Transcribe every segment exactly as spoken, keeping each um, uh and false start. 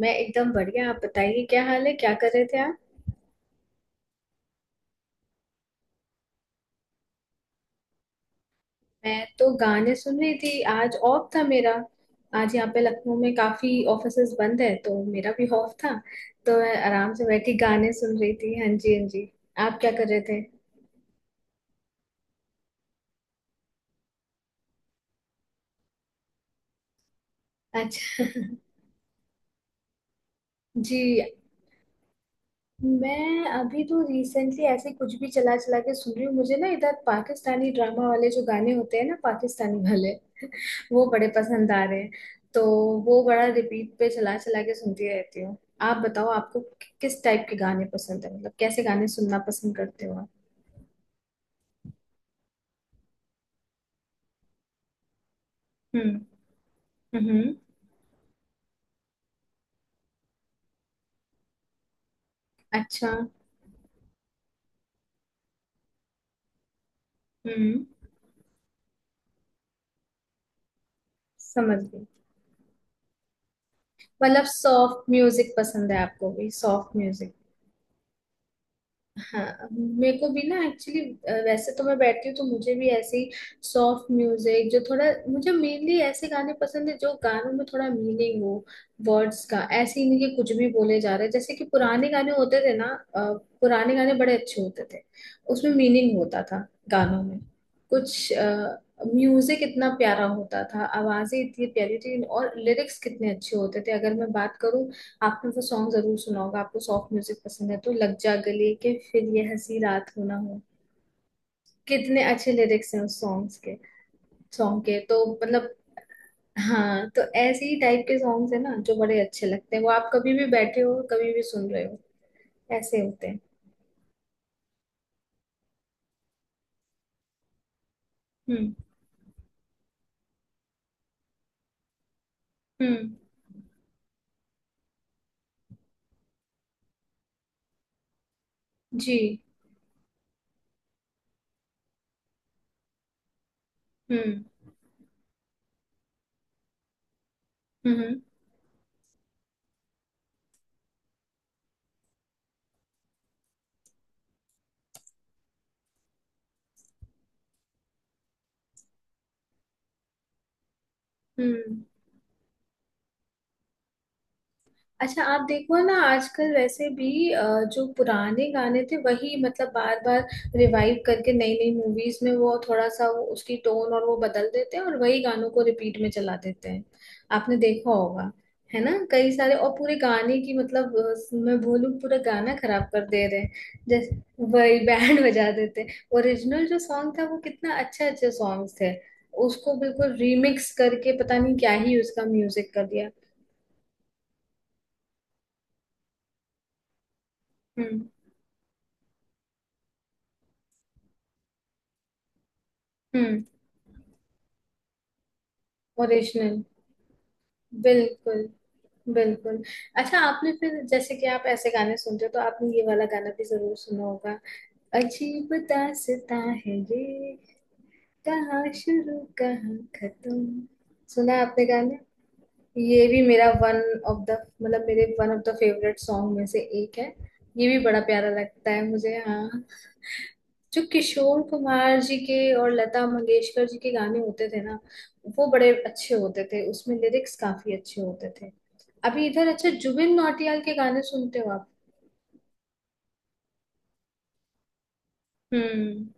मैं एकदम बढ़िया। आप बताइए, क्या हाल है? क्या कर रहे थे आप? मैं तो गाने सुन रही थी। आज ऑफ था मेरा। आज यहाँ पे लखनऊ में काफी ऑफिसेज बंद है तो मेरा भी ऑफ था। तो मैं आराम से बैठी गाने सुन रही थी। हाँ जी, हाँ जी। आप क्या कर रहे थे? अच्छा। जी, मैं अभी तो रिसेंटली ऐसे कुछ भी चला चला के सुन रही हूँ। मुझे ना इधर पाकिस्तानी ड्रामा वाले जो गाने होते हैं ना, पाकिस्तानी वाले, वो बड़े पसंद आ रहे हैं। तो वो बड़ा रिपीट पे चला चला के सुनती रहती हूँ। आप बताओ, आपको कि- किस टाइप के गाने पसंद है? मतलब कैसे गाने सुनना पसंद करते हो आप? हम्म। हम्म। अच्छा। हम्म, समझ गई। मतलब सॉफ्ट म्यूजिक पसंद है आपको? भी सॉफ्ट म्यूजिक। हाँ, मेरे को भी ना एक्चुअली, वैसे तो मैं बैठती हूँ तो मुझे भी ऐसे ही सॉफ्ट म्यूजिक जो थोड़ा। मुझे मेनली ऐसे गाने पसंद है जो गानों में थोड़ा मीनिंग हो, वर्ड्स का। ऐसे ही नहीं कि कुछ भी बोले जा रहे हैं जैसे कि पुराने गाने होते थे ना। अ, पुराने गाने बड़े अच्छे होते थे। उसमें मीनिंग होता था गानों में कुछ। म्यूजिक इतना प्यारा होता था, आवाजें इतनी प्यारी थी, और लिरिक्स कितने अच्छे होते थे। अगर मैं बात करूँ, आपने वो सॉन्ग जरूर सुना होगा, आपको सॉफ्ट म्यूजिक पसंद है तो, लग जा गले के फिर ये हंसी रात हो ना हो। कितने अच्छे लिरिक्स हैं उस सॉन्ग्स के, सॉन्ग के तो मतलब। हाँ, तो ऐसे ही टाइप के सॉन्ग्स है ना, जो बड़े अच्छे लगते हैं। वो आप कभी भी बैठे हो, कभी भी सुन रहे हो, ऐसे होते हैं। हम्म। हम्म। जी। हम्म। हम्म। हम्म। अच्छा, आप देखो ना, आजकल वैसे भी अ, जो पुराने गाने थे वही मतलब बार बार रिवाइव करके नई नई मूवीज में, वो थोड़ा सा वो उसकी टोन और वो बदल देते हैं और वही गानों को रिपीट में चला देते हैं। आपने देखा होगा, है ना, कई सारे। और पूरे गाने की मतलब अ, मैं बोलूं पूरा गाना खराब कर दे रहे हैं। जैसे वही बैंड बजा देते हैं। ओरिजिनल जो सॉन्ग था वो कितना, अच्छे अच्छे सॉन्ग्स थे, उसको बिल्कुल रीमिक्स करके पता नहीं क्या ही उसका म्यूजिक कर दिया। हम्म। हम्म। ओरिजिनल। बिल्कुल। बिल्कुल। अच्छा, आपने फिर जैसे कि आप ऐसे गाने सुनते हो तो आपने ये वाला गाना भी जरूर सुना होगा, अजीब दास्तां है ये, कहाँ शुरू कहाँ खत्म। सुना है आपने गाने? ये भी मेरा वन ऑफ द, मतलब मेरे one of the favourite song में से एक है। ये भी बड़ा प्यारा लगता है मुझे। हाँ, जो किशोर कुमार जी के और लता मंगेशकर जी के गाने होते थे ना, वो बड़े अच्छे होते थे। उसमें लिरिक्स काफी अच्छे होते थे। अभी इधर, अच्छा, जुबिन नौटियाल के गाने सुनते हो आप? हम्म।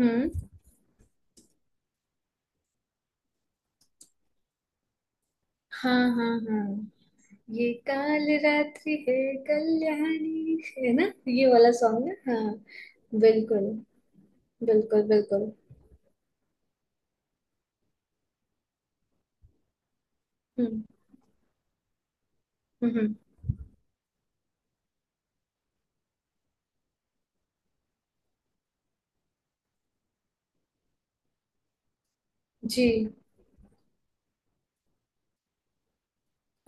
हम्म। हाँ हाँ हाँ, ये काल रात्रि है, कल्याणी है ना, ये वाला सॉन्ग है हाँ। बिल्कुल। बिल्कुल बिल्कुल। हम्म। हम्म, हम्म। जी।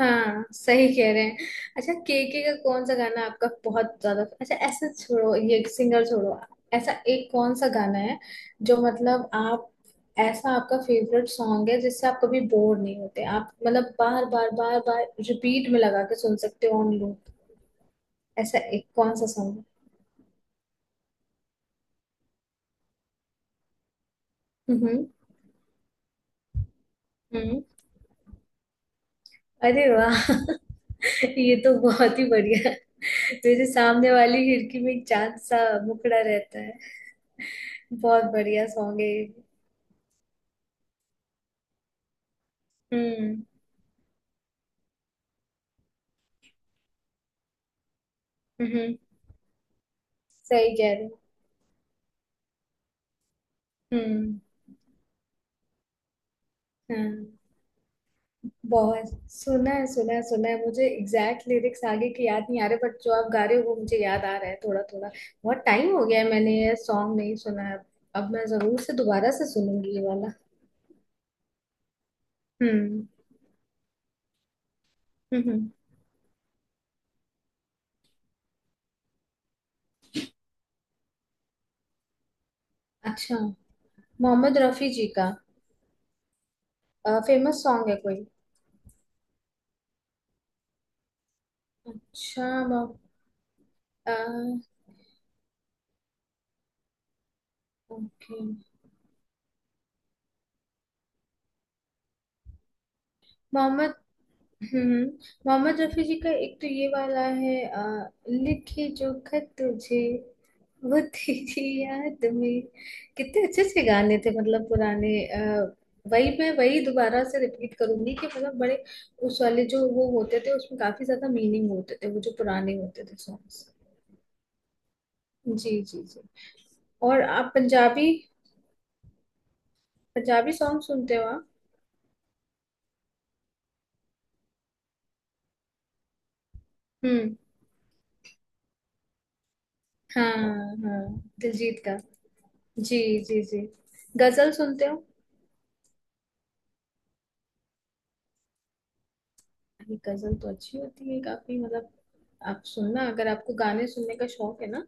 हाँ, सही कह रहे हैं। अच्छा, केके का कौन सा गाना आपका बहुत ज्यादा अच्छा, ऐसा छोड़ो ये सिंगर छोड़ो, ऐसा एक कौन सा गाना है जो मतलब आप, ऐसा आपका फेवरेट सॉन्ग है जिससे आप कभी बोर नहीं होते, आप मतलब बार बार बार बार रिपीट में लगा के सुन सकते हो, ऑन लूप। ऐसा एक कौन सा सॉन्ग है? हम्म। हम्म। हम्म। अरे वाह ये तो बहुत ही बढ़िया है। मेरे सामने वाली खिड़की में एक चांद सा मुखड़ा रहता है, बहुत बढ़िया सॉन्ग है ये। हम्म। हम्म। सही कह रहे हो। हम्म। हाँ, बहुत सुना है, सुना है, सुना है। मुझे एग्जैक्ट लिरिक्स आगे की याद नहीं आ रहे, बट जो आप गा रहे हो वो मुझे याद आ रहा है थोड़ा थोड़ा। बहुत टाइम हो गया है मैंने ये सॉन्ग नहीं सुना है। अब मैं जरूर से दोबारा से सुनूंगी ये वाला। हम्म। हम्म। अच्छा। मोहम्मद रफी जी का फेमस सॉन्ग है कोई? अच्छा, ओके। मोहम्मद। हम्म। मोहम्मद रफी जी का एक तो ये वाला है, आ, लिखे जो खत तुझे, वो तेरी याद में। कितने अच्छे अच्छे गाने थे मतलब पुराने। आ, वही मैं वही दोबारा से रिपीट करूंगी कि मतलब बड़े उस वाले जो वो होते थे उसमें काफी ज्यादा मीनिंग होते थे वो जो पुराने होते थे सॉन्ग्स। जी जी जी। और आप पंजाबी, पंजाबी सॉन्ग सुनते हो आप? हम्म। हाँ। हाँ, दिलजीत का। जी। जी जी। गजल सुनते हो? ये गजल तो अच्छी होती है काफी, मतलब आप सुनना, अगर आपको गाने सुनने का शौक है ना,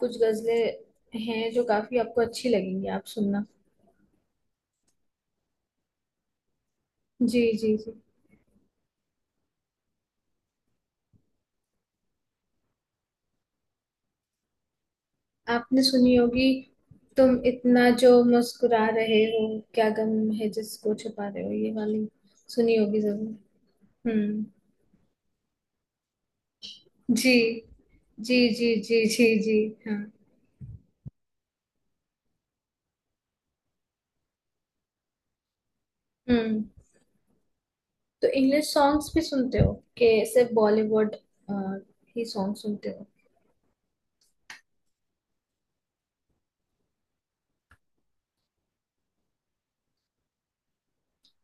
कुछ गजलें हैं जो काफी आपको अच्छी लगेंगी, आप सुनना। जी जी जी। आपने सुनी होगी, तुम इतना जो मुस्कुरा रहे हो, क्या गम है जिसको छुपा रहे हो, ये वाली सुनी होगी जरूर। हम्म। जी जी जी जी जी। जी। हाँ। हम्म। तो इंग्लिश सॉन्ग्स भी सुनते हो कि सिर्फ बॉलीवुड ही सॉन्ग सुनते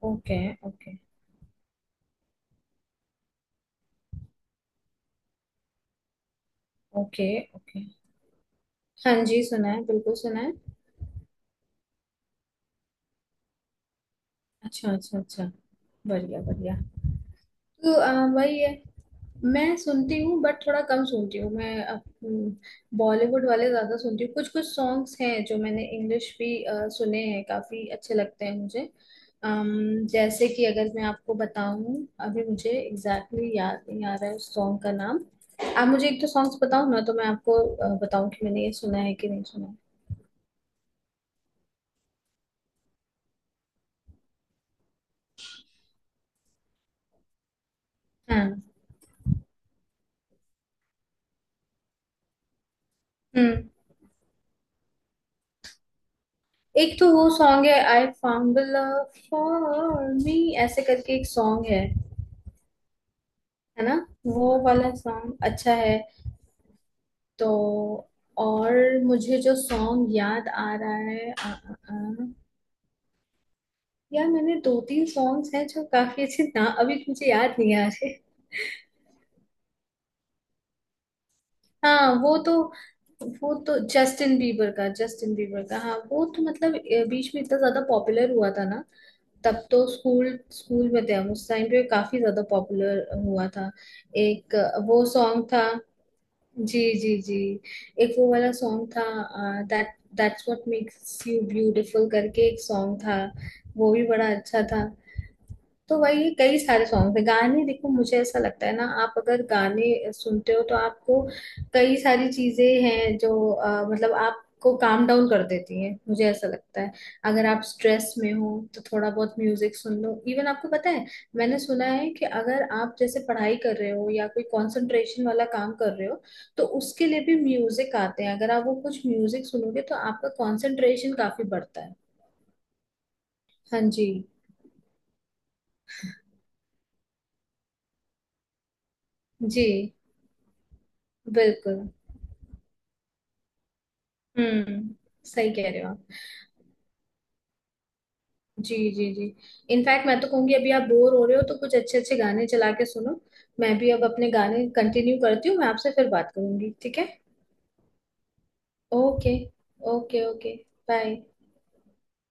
हो? ओके। ओके। ओके। ओके। हाँ जी, सुना है, बिल्कुल सुना है। अच्छा अच्छा अच्छा, बढ़िया बढ़िया। तो आ, वही है। मैं सुनती हूँ बट थोड़ा कम सुनती हूँ मैं। अ, हम्म, बॉलीवुड वाले ज्यादा सुनती हूँ। कुछ कुछ सॉन्ग्स हैं जो मैंने इंग्लिश भी अ, सुने हैं, काफी अच्छे लगते हैं मुझे। अम, जैसे कि अगर मैं आपको बताऊं, अभी मुझे एग्जैक्टली exactly याद नहीं आ रहा है उस सॉन्ग का नाम। आप मुझे एक तो सॉन्ग्स बताओ ना, तो मैं आपको अ, बताऊं कि मैंने ये सुना है कि नहीं सुना है। हाँ। हम्म। एक तो वो सॉन्ग है I found the love for me, ऐसे करके एक सॉन्ग है है ना। वो वाला सॉन्ग अच्छा है तो। और मुझे जो सॉन्ग याद आ रहा है आ, आ, आ, यार, मैंने दो तीन सॉन्ग्स हैं जो काफी अच्छे ना, अभी मुझे याद नहीं आ रहे। हाँ, वो तो, वो तो जस्टिन बीबर का, जस्टिन बीबर का हाँ। वो तो मतलब अ, बीच में इतना ज्यादा पॉपुलर हुआ था ना, तब तो स्कूल स्कूल में थे हम। उस टाइम पे काफी ज्यादा पॉपुलर हुआ था। एक अ, वो सॉन्ग था। जी जी जी। एक वो वाला सॉन्ग था, that that's what makes you beautiful करके एक सॉन्ग था, वो भी बड़ा अच्छा था। तो वही कई सारे सॉन्ग थे, गाने। देखो मुझे ऐसा लगता है ना, आप अगर गाने सुनते हो तो आपको कई सारी चीजें हैं जो अ, मतलब आपको काम डाउन कर देती है, मुझे ऐसा लगता है। अगर आप स्ट्रेस में हो तो थोड़ा बहुत म्यूजिक सुन लो, इवन आपको पता है, मैंने सुना है कि अगर आप जैसे पढ़ाई कर रहे हो या कोई कंसंट्रेशन वाला काम कर रहे हो, तो उसके लिए भी म्यूजिक आते हैं। अगर आप वो कुछ म्यूजिक सुनोगे तो आपका कंसंट्रेशन काफी बढ़ता है। हाँ जी। जी बिल्कुल। हम्म। सही कह रहे हो आप। जी जी जी। इनफैक्ट मैं तो कहूंगी, अभी आप बोर हो रहे हो तो कुछ अच्छे अच्छे गाने चला के सुनो। मैं भी अब अपने गाने कंटिन्यू करती हूँ, मैं आपसे फिर बात करूंगी, ठीक है? ओके। Okay okay. बाय।